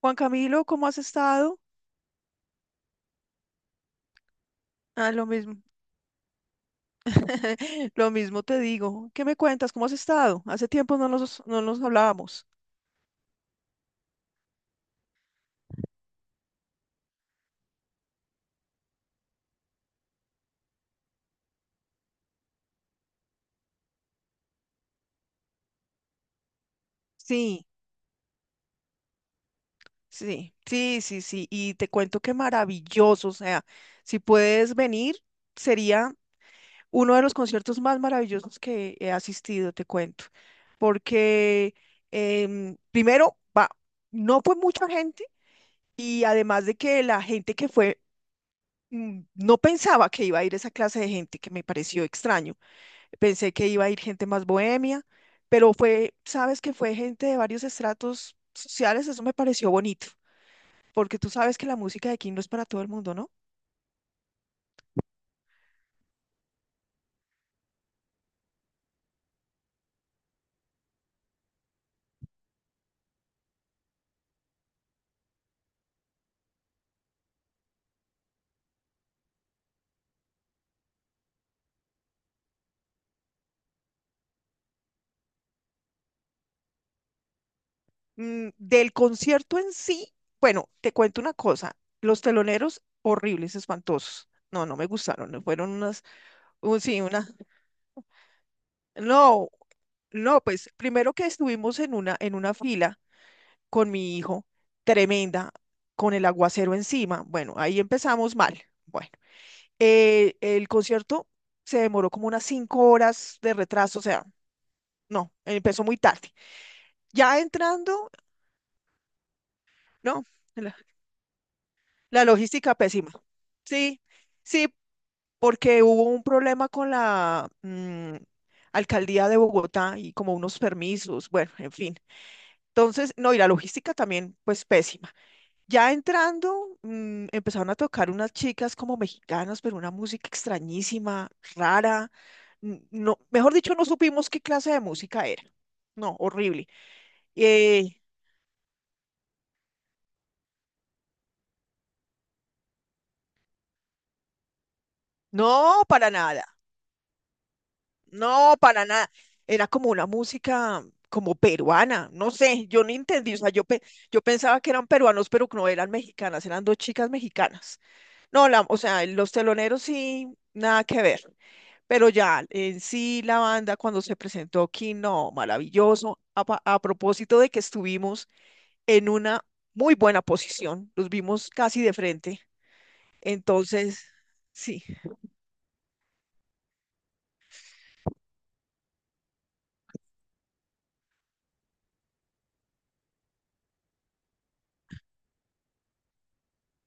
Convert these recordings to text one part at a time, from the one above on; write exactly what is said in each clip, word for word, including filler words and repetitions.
Juan Camilo, ¿cómo has estado? Ah, lo mismo. Lo mismo te digo. ¿Qué me cuentas? ¿Cómo has estado? Hace tiempo no nos, no nos hablábamos. Sí, sí, sí, sí, sí. Y te cuento que maravilloso. O sea, si puedes venir, sería uno de los conciertos más maravillosos que he asistido, te cuento. Porque em, primero, va, no fue mucha gente y además de que la gente que fue, mm, no pensaba que iba a ir esa clase de gente, que me pareció extraño. Pensé que iba a ir gente más bohemia, pero fue, sabes que fue gente de varios estratos sociales, eso me pareció bonito, porque tú sabes que la música de aquí no es para todo el mundo, ¿no? Mm, del concierto en sí, bueno, te cuento una cosa, los teloneros horribles, espantosos. No, no me gustaron, no fueron unas, un- sí, una, no, no, pues primero que estuvimos en una, en una fila con mi hijo, tremenda, con el aguacero encima, bueno, ahí empezamos mal. Bueno. Eh, el concierto se demoró como unas cinco horas de retraso, o sea, no, empezó muy tarde. Ya entrando, no, la, la logística pésima. Sí, sí, porque hubo un problema con la mm, alcaldía de Bogotá y como unos permisos, bueno, en fin. Entonces, no, y la logística también, pues pésima. Ya entrando, mm, empezaron a tocar unas chicas como mexicanas, pero una música extrañísima, rara. n- No, mejor dicho, no supimos qué clase de música era. No, horrible. Eh, no, para nada. No, para nada. Era como una música como peruana. No sé, yo no entendí. O sea, yo, pe- yo pensaba que eran peruanos, pero no eran mexicanas, eran dos chicas mexicanas. No, la, o sea, los teloneros sí, nada que ver. Pero ya, en sí la banda cuando se presentó aquí, no, maravilloso. A, pa- a propósito de que estuvimos en una muy buena posición, los vimos casi de frente. Entonces, sí,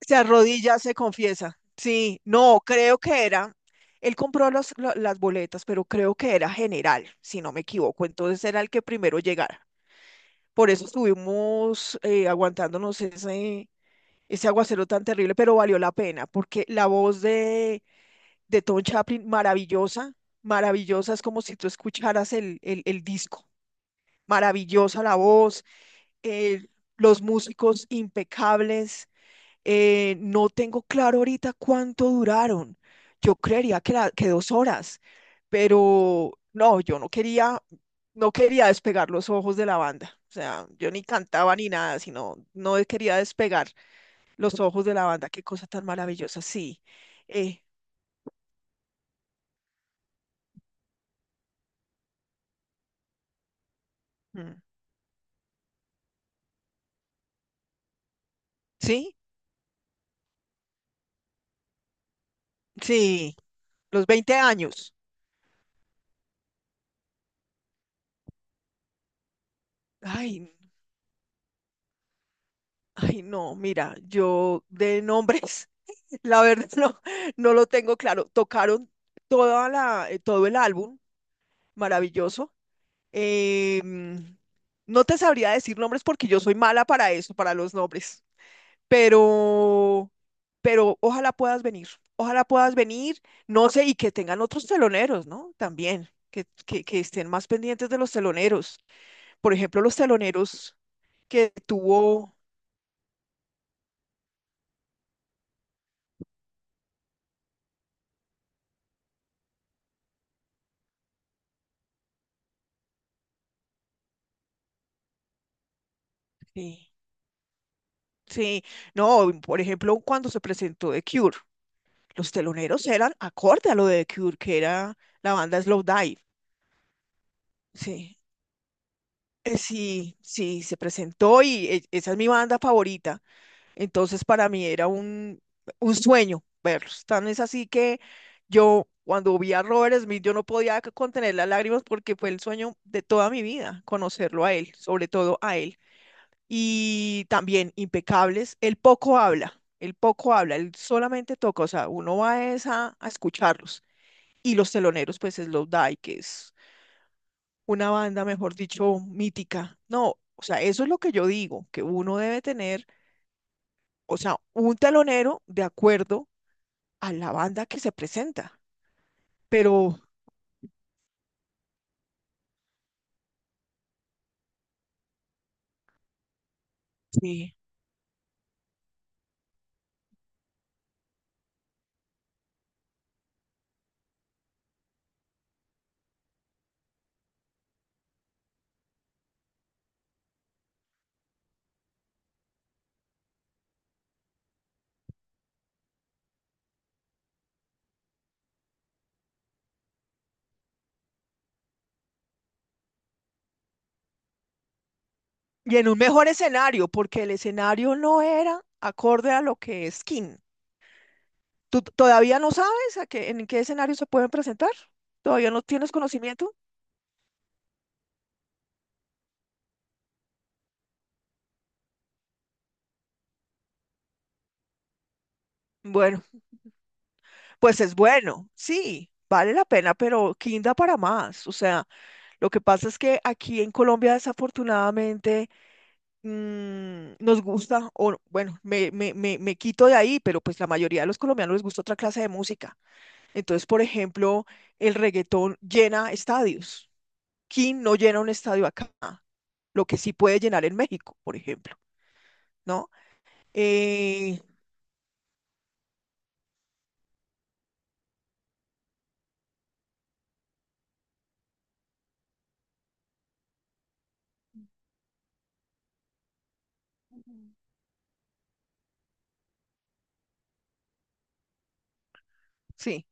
se arrodilla, se confiesa. Sí, no, creo que era, él compró los- lo- las boletas, pero creo que era general, si no me equivoco. Entonces era el que primero llegara. Por eso estuvimos eh, aguantándonos ese, ese aguacero tan terrible, pero valió la pena, porque la voz de de Tom Chaplin, maravillosa, maravillosa, es como si tú escucharas el, el, el disco, maravillosa la voz, eh, los músicos impecables, eh, no tengo claro ahorita cuánto duraron, yo creería que, la- que dos horas, pero no, yo no quería, no quería despegar los ojos de la banda. O sea, yo ni cantaba ni nada, sino no quería despegar los ojos de la banda. Qué cosa tan maravillosa. Sí. eh, mm, sí, sí. Los veinte años. Ay, ay, no, mira, yo de nombres, la verdad no, no lo tengo claro. Tocaron toda la, eh, todo el álbum, maravilloso. Eh, mm, no te sabría decir nombres porque yo soy mala para eso, para los nombres, pero, pero ojalá puedas venir, ojalá puedas venir, no sé, y que tengan otros teloneros, ¿no? También, que, que, que estén más pendientes de los teloneros. Por ejemplo, los teloneros que tuvo. Sí, sí. No, por ejemplo, cuando se presentó The Cure, los teloneros eran acorde a lo de The Cure, que era la banda Slowdive. Sí, eh, sí, sí, se presentó y e- esa es mi banda favorita. Entonces, para mí era un, un sueño verlos. Tan es así que yo, cuando vi a Robert Smith, yo no podía c- contener las lágrimas porque fue el sueño de toda mi vida, conocerlo a él, sobre todo a él. Y también impecables. Él poco habla, él poco habla, él solamente toca, o sea, uno va es a, a escucharlos. Y los teloneros, pues es Slowdive, que es una banda, mejor dicho, mítica. No, o sea, eso es lo que yo digo, que uno debe tener, o sea, un telonero de acuerdo a la banda que se presenta. Pero sí, y en un mejor escenario, porque el escenario no era acorde a lo que es King. ¿Tú t- todavía no sabes a qué, en qué escenario se pueden presentar? ¿Todavía no tienes conocimiento? Bueno, pues es bueno, sí, vale la pena, pero quinda para más. O sea, lo que pasa es que aquí en Colombia desafortunadamente mm, nos gusta, o bueno, me, me, me, me quito de ahí, pero pues la mayoría de los colombianos les gusta otra clase de música. Entonces, por ejemplo, el reggaetón llena estadios. King no llena un estadio acá, lo que sí puede llenar en México, por ejemplo. ¿No? Eh, sí,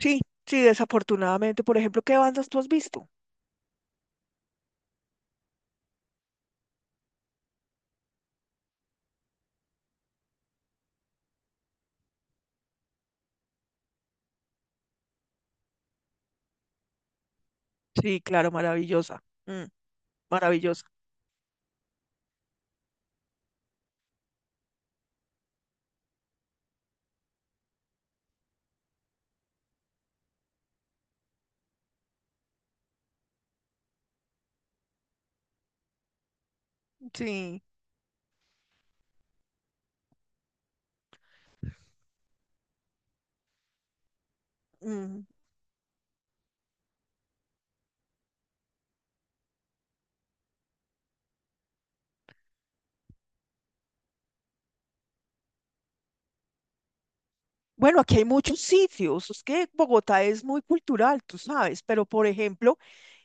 sí, sí, desafortunadamente. Por ejemplo, ¿qué bandas tú has visto? Sí, claro, maravillosa. Mm, maravillosa. Sí. Mm. Bueno, aquí hay muchos sitios. Es que Bogotá es muy cultural, tú sabes, pero por ejemplo,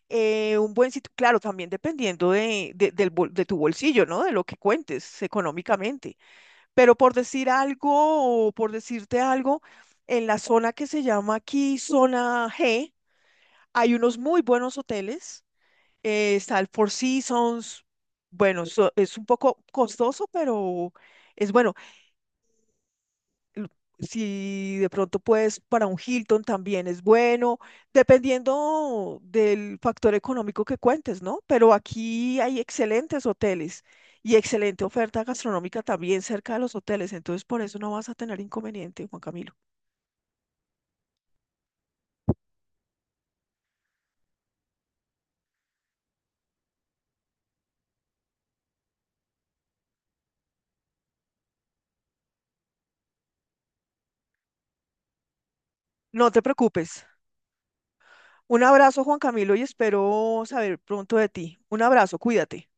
eh, un buen sitio, claro, también dependiendo de, de- del bol- de tu bolsillo, ¿no? De lo que cuentes económicamente. Pero por decir algo, o por decirte algo, en la zona que se llama aquí zona G, hay unos muy buenos hoteles. eh, está el Four Seasons. Bueno, so- es un poco costoso, pero es bueno. Si de pronto puedes, para un Hilton también es bueno, dependiendo del factor económico que cuentes, ¿no? Pero aquí hay excelentes hoteles y excelente oferta gastronómica también cerca de los hoteles, entonces por eso no vas a tener inconveniente, Juan Camilo. No te preocupes. Un abrazo, Juan Camilo, y espero saber pronto de ti. Un abrazo, cuídate.